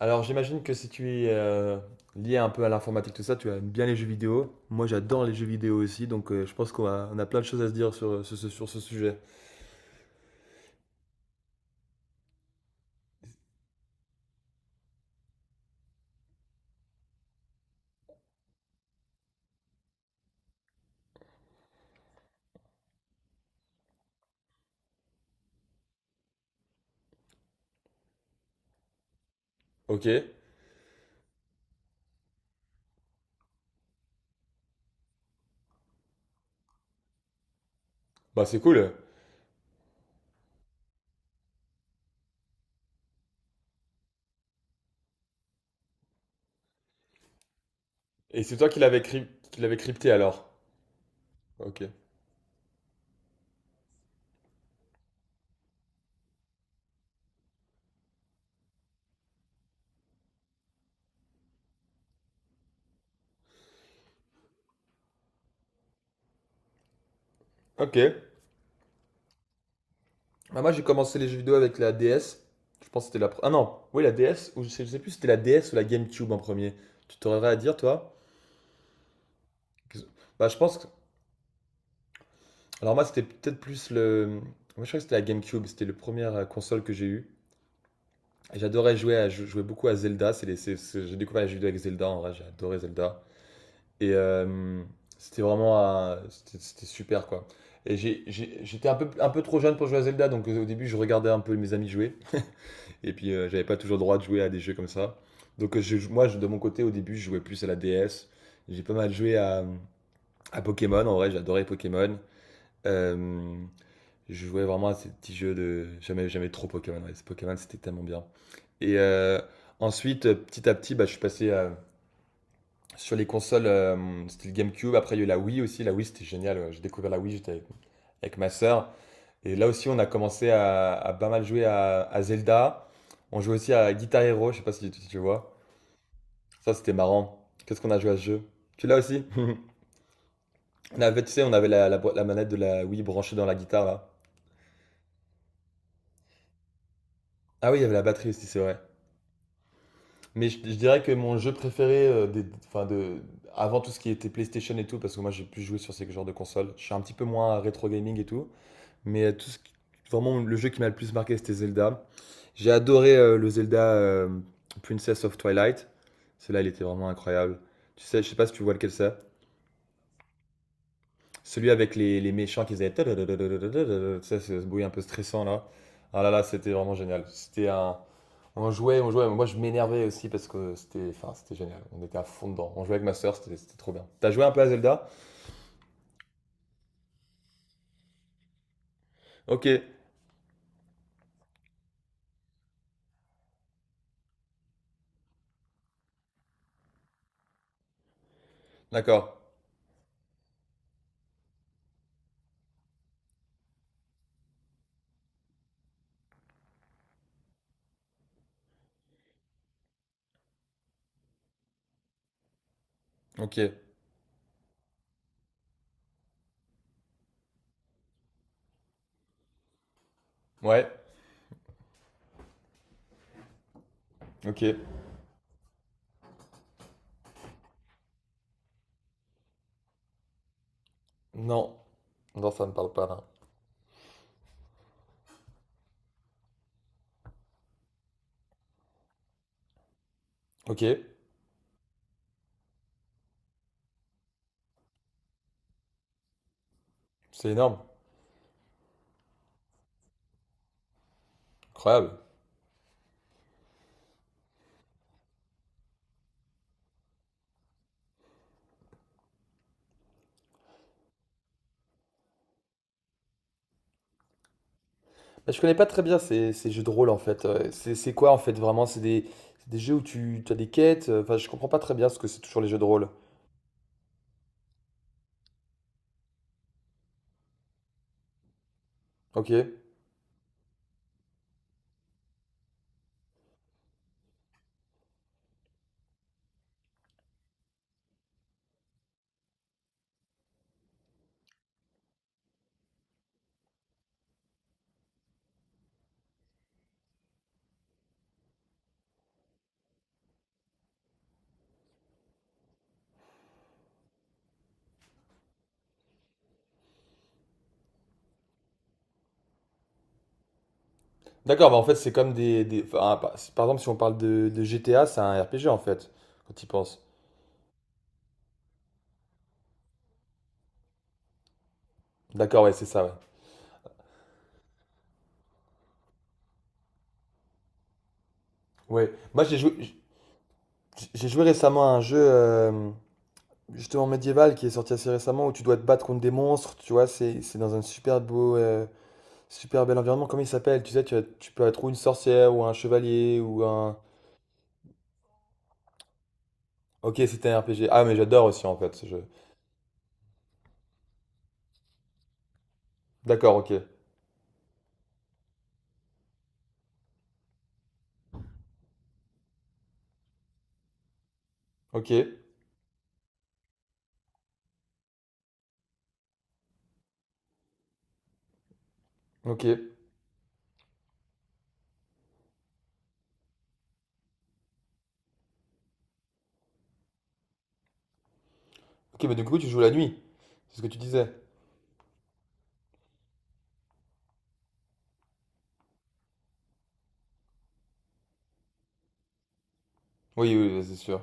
Alors j'imagine que si tu es lié un peu à l'informatique, tout ça, tu aimes bien les jeux vidéo. Moi j'adore les jeux vidéo aussi, donc je pense qu'on a plein de choses à se dire sur ce sujet. Ok, bah c'est cool. Et c'est toi qui qui l'avais crypté alors. Ok. Ok. Bah, moi j'ai commencé les jeux vidéo avec la DS. Je pense que Ah non, oui la DS, ou je sais plus si c'était la DS ou la GameCube en premier. Tu t'aurais à dire toi? Qu'est-ce- Bah je pense que... Alors moi c'était peut-être plus le... Moi je crois que c'était la GameCube, c'était la première console que j'ai eue. Et j'adorais jouer, je jouais beaucoup à Zelda. C'est les- c'est- J'ai découvert les jeux vidéo avec Zelda. En vrai, j'ai adoré Zelda. Et c'était vraiment, c'était super quoi. Et j'étais un peu trop jeune pour jouer à Zelda, donc au début je regardais un peu mes amis jouer. Et puis j'avais pas toujours le droit de jouer à des jeux comme ça. Donc de mon côté, au début, je jouais plus à la DS. J'ai pas mal joué à Pokémon. En vrai, j'adorais Pokémon. Euh, je jouais vraiment à ces petits jeux de jamais, jamais trop Pokémon. Ouais. Ce Pokémon, c'était tellement bien. Et ensuite, petit à petit, bah, je suis passé sur les consoles c'était le GameCube. Après, il y a eu la Wii aussi. La Wii, c'était génial. Ouais. J'ai découvert la Wii, j'étais avec ma sœur. Et là aussi, on a commencé à pas mal jouer à Zelda. On jouait aussi à Guitar Hero. Je sais pas si tu vois. Ça, c'était marrant. Qu'est-ce qu'on a joué à ce jeu? Tu l'as aussi? On avait, tu sais, on avait la manette de la Wii branchée dans la guitare là. Ah oui, il y avait la batterie aussi, c'est vrai. Mais je dirais que mon jeu préféré, avant tout ce qui était PlayStation et tout, parce que moi j'ai plus joué sur ces genres de consoles, je suis un petit peu moins rétro gaming et tout, mais vraiment le jeu qui m'a le plus marqué c'était Zelda. J'ai adoré le Zelda Princess of Twilight, celui-là il était vraiment incroyable. Tu sais, je sais pas si tu vois lequel c'est. Celui avec les méchants qui faisaient. Ça, c'est ce bruit un peu stressant là. Ah là là, c'était vraiment génial. C'était un. On jouait, on jouait. Moi, je m'énervais aussi parce que c'était enfin, c'était génial. On était à fond dedans. On jouait avec ma sœur, c'était trop bien. T'as joué un peu à Zelda? Ok, d'accord. Ok. Ouais, ok. Non. Non, ça me parle pas là. Ok, c'est énorme. Incroyable. Bah, je connais pas très bien ces jeux de rôle en fait. C'est quoi en fait vraiment? C'est des jeux où tu as des quêtes. Enfin, je comprends pas très bien ce que c'est toujours les jeux de rôle. Ok. D'accord, bah en fait, c'est comme par exemple, si on parle de GTA, c'est un RPG en fait, quand tu y penses. D'accord, ouais, c'est ça, ouais. Ouais. Moi, j'ai joué récemment à un jeu, justement médiéval, qui est sorti assez récemment, où tu dois te battre contre des monstres, tu vois, c'est dans un super beau, super bel environnement. Comment il s'appelle? Tu sais, tu peux être ou une sorcière, ou un chevalier, ou un. Ok, c'était un RPG. Ah, mais j'adore aussi en fait ce jeu. D'accord, ok. Ok, ok. Ok, mais du coup, tu joues la nuit, c'est ce que tu disais. Oui, oui, oui, c'est sûr.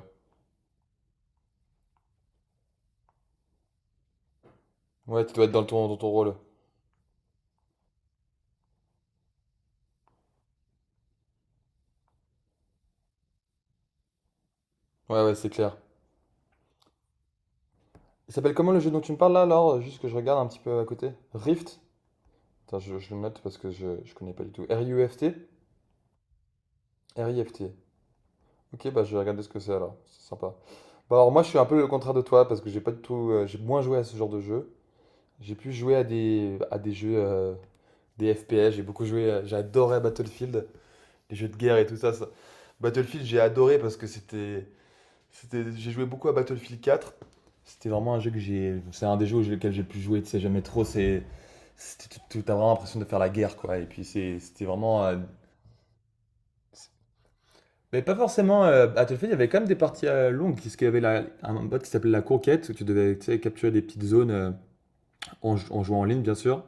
Ouais, tu dois être dans ton rôle. Ouais, ouais, c'est clair. Il s'appelle comment le jeu dont tu me parles là, alors? Juste que je regarde un petit peu à côté. Rift? Attends, je le note parce que je connais pas du tout. R-I-U-F-T? Rift. Ok, bah je vais regarder ce que c'est alors. C'est sympa. Bah alors moi, je suis un peu le contraire de toi parce que j'ai pas du tout. J'ai moins joué à ce genre de jeu. J'ai pu jouer à à des jeux, des FPS. J'ai beaucoup joué. J'ai adoré Battlefield. Les jeux de guerre et tout ça. Battlefield, j'ai adoré parce que c'était. C'était, j'ai joué beaucoup à Battlefield 4. C'était vraiment un jeu que j'ai. C'est un des jeux auxquels j'ai pu jouer, tu sais, jamais trop. C'est. T'as vraiment l'impression de faire la guerre, quoi. Et puis c'était vraiment. C'est- Mais pas forcément Battlefield, il y avait quand même des parties longues. Parce qu'il y avait un mode qui s'appelait la conquête, où tu devais tu sais, capturer des petites zones en jouant en ligne, bien sûr.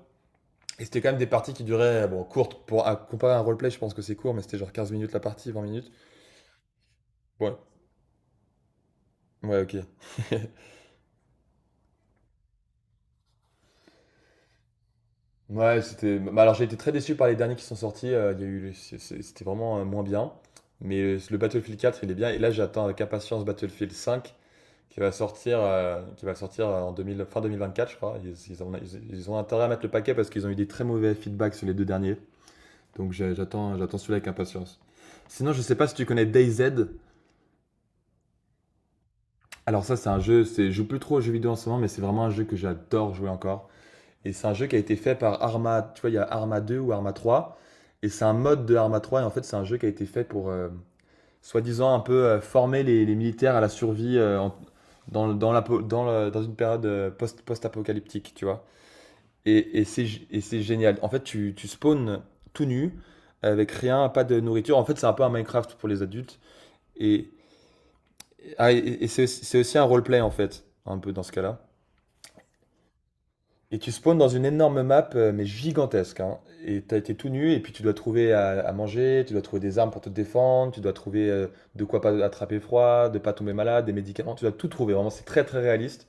Et c'était quand même des parties qui duraient, bon, courtes. Pour à comparer à un roleplay, je pense que c'est court, mais c'était genre 15 minutes la partie, 20 minutes. Ouais, ouais, ok. Ouais, c'était. Bah, alors j'ai été très déçu par les derniers qui sont sortis. Il y a eu, c'est- c'était vraiment moins bien. Mais le Battlefield 4, il est bien. Et là, j'attends avec impatience Battlefield 5, qui va sortir en 2000 fin 2024, je crois. Ils ont intérêt à mettre le paquet parce qu'ils ont eu des très mauvais feedbacks sur les deux derniers. Donc j'attends celui-là avec impatience. Sinon, je sais pas si tu connais DayZ. Alors ça, c'est un jeu. C'est, je joue plus trop aux jeux vidéo en ce moment, mais c'est vraiment un jeu que j'adore jouer encore. Et c'est un jeu qui a été fait par Arma, tu vois, il y a Arma 2 ou Arma 3, et c'est un mode de Arma 3. Et en fait, c'est un jeu qui a été fait pour, soi-disant, un peu former les militaires à la survie en- dans, le- dans, la, po- dans, le- dans une période post-apocalyptique, tu vois. Et c'est, et c'est génial. En fait, tu spawns tout nu, avec rien, pas de nourriture. En fait, c'est un peu un Minecraft pour les adultes. Et, c'est aussi un roleplay, en fait, un peu dans ce cas-là. Et tu spawns dans une énorme map, mais gigantesque, hein. Et t'as été tout nu, et puis tu dois trouver à manger, tu dois trouver des armes pour te défendre, tu dois trouver de quoi pas attraper froid, de pas tomber malade, des médicaments, tu dois tout trouver. Vraiment, c'est très très réaliste.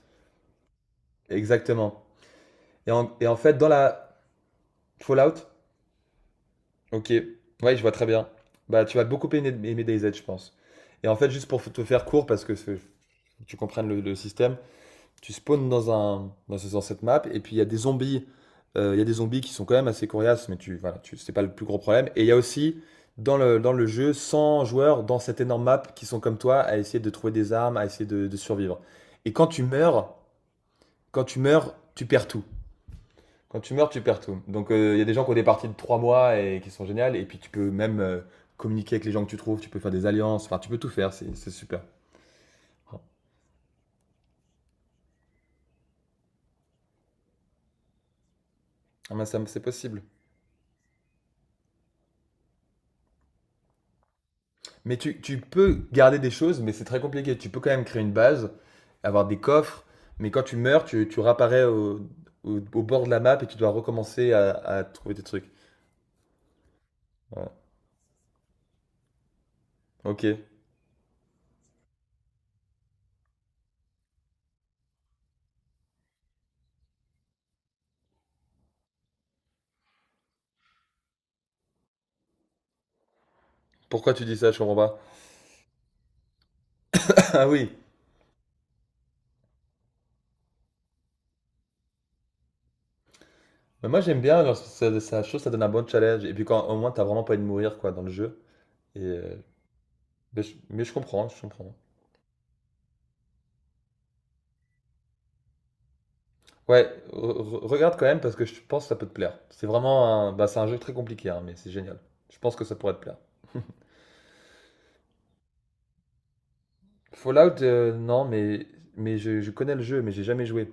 Exactement. Et en fait, dans la. Fallout, ok, ouais, je vois très bien. Bah, tu vas beaucoup aimer DayZ, je pense. Et en fait, juste pour te faire court, parce que tu comprennes le système, tu spawns dans cette map et puis il y a des zombies qui sont quand même assez coriaces mais tu voilà tu c'est pas le plus gros problème et il y a aussi dans le jeu 100 joueurs dans cette énorme map qui sont comme toi à essayer de trouver des armes à essayer de survivre et quand tu meurs tu perds tout donc il y a des gens qui ont des parties de 3 mois et qui sont géniales et puis tu peux même communiquer avec les gens que tu trouves tu peux faire des alliances enfin tu peux tout faire c'est super. Ah, mais ça, c'est possible. Mais tu peux garder des choses, mais c'est très compliqué. Tu peux quand même créer une base, avoir des coffres, mais quand tu meurs, tu réapparais au bord de la map et tu dois recommencer à trouver des trucs. Ouais. Ok. Pourquoi tu dis ça? Je comprends pas. Ah oui. Mais moi j'aime bien, genre, ça, je trouve que ça donne un bon challenge. Et puis quand au moins t'as vraiment pas envie de mourir quoi dans le jeu. Et, mais, mais je comprends, je comprends. Ouais, regarde quand même parce que je pense que ça peut te plaire. C'est vraiment un, bah, c'est un jeu très compliqué, hein, mais c'est génial. Je pense que ça pourrait te plaire. Fallout, non, mais je connais le jeu, mais j'ai jamais joué.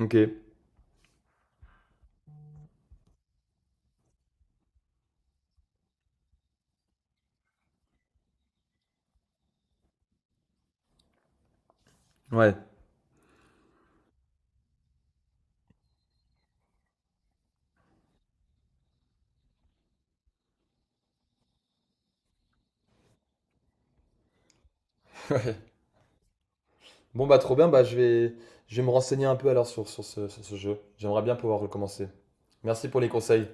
Ok. Ouais. Ouais. Bon, bah, trop bien, bah, je vais me renseigner un peu alors sur ce jeu. J'aimerais bien pouvoir recommencer. Merci pour les conseils.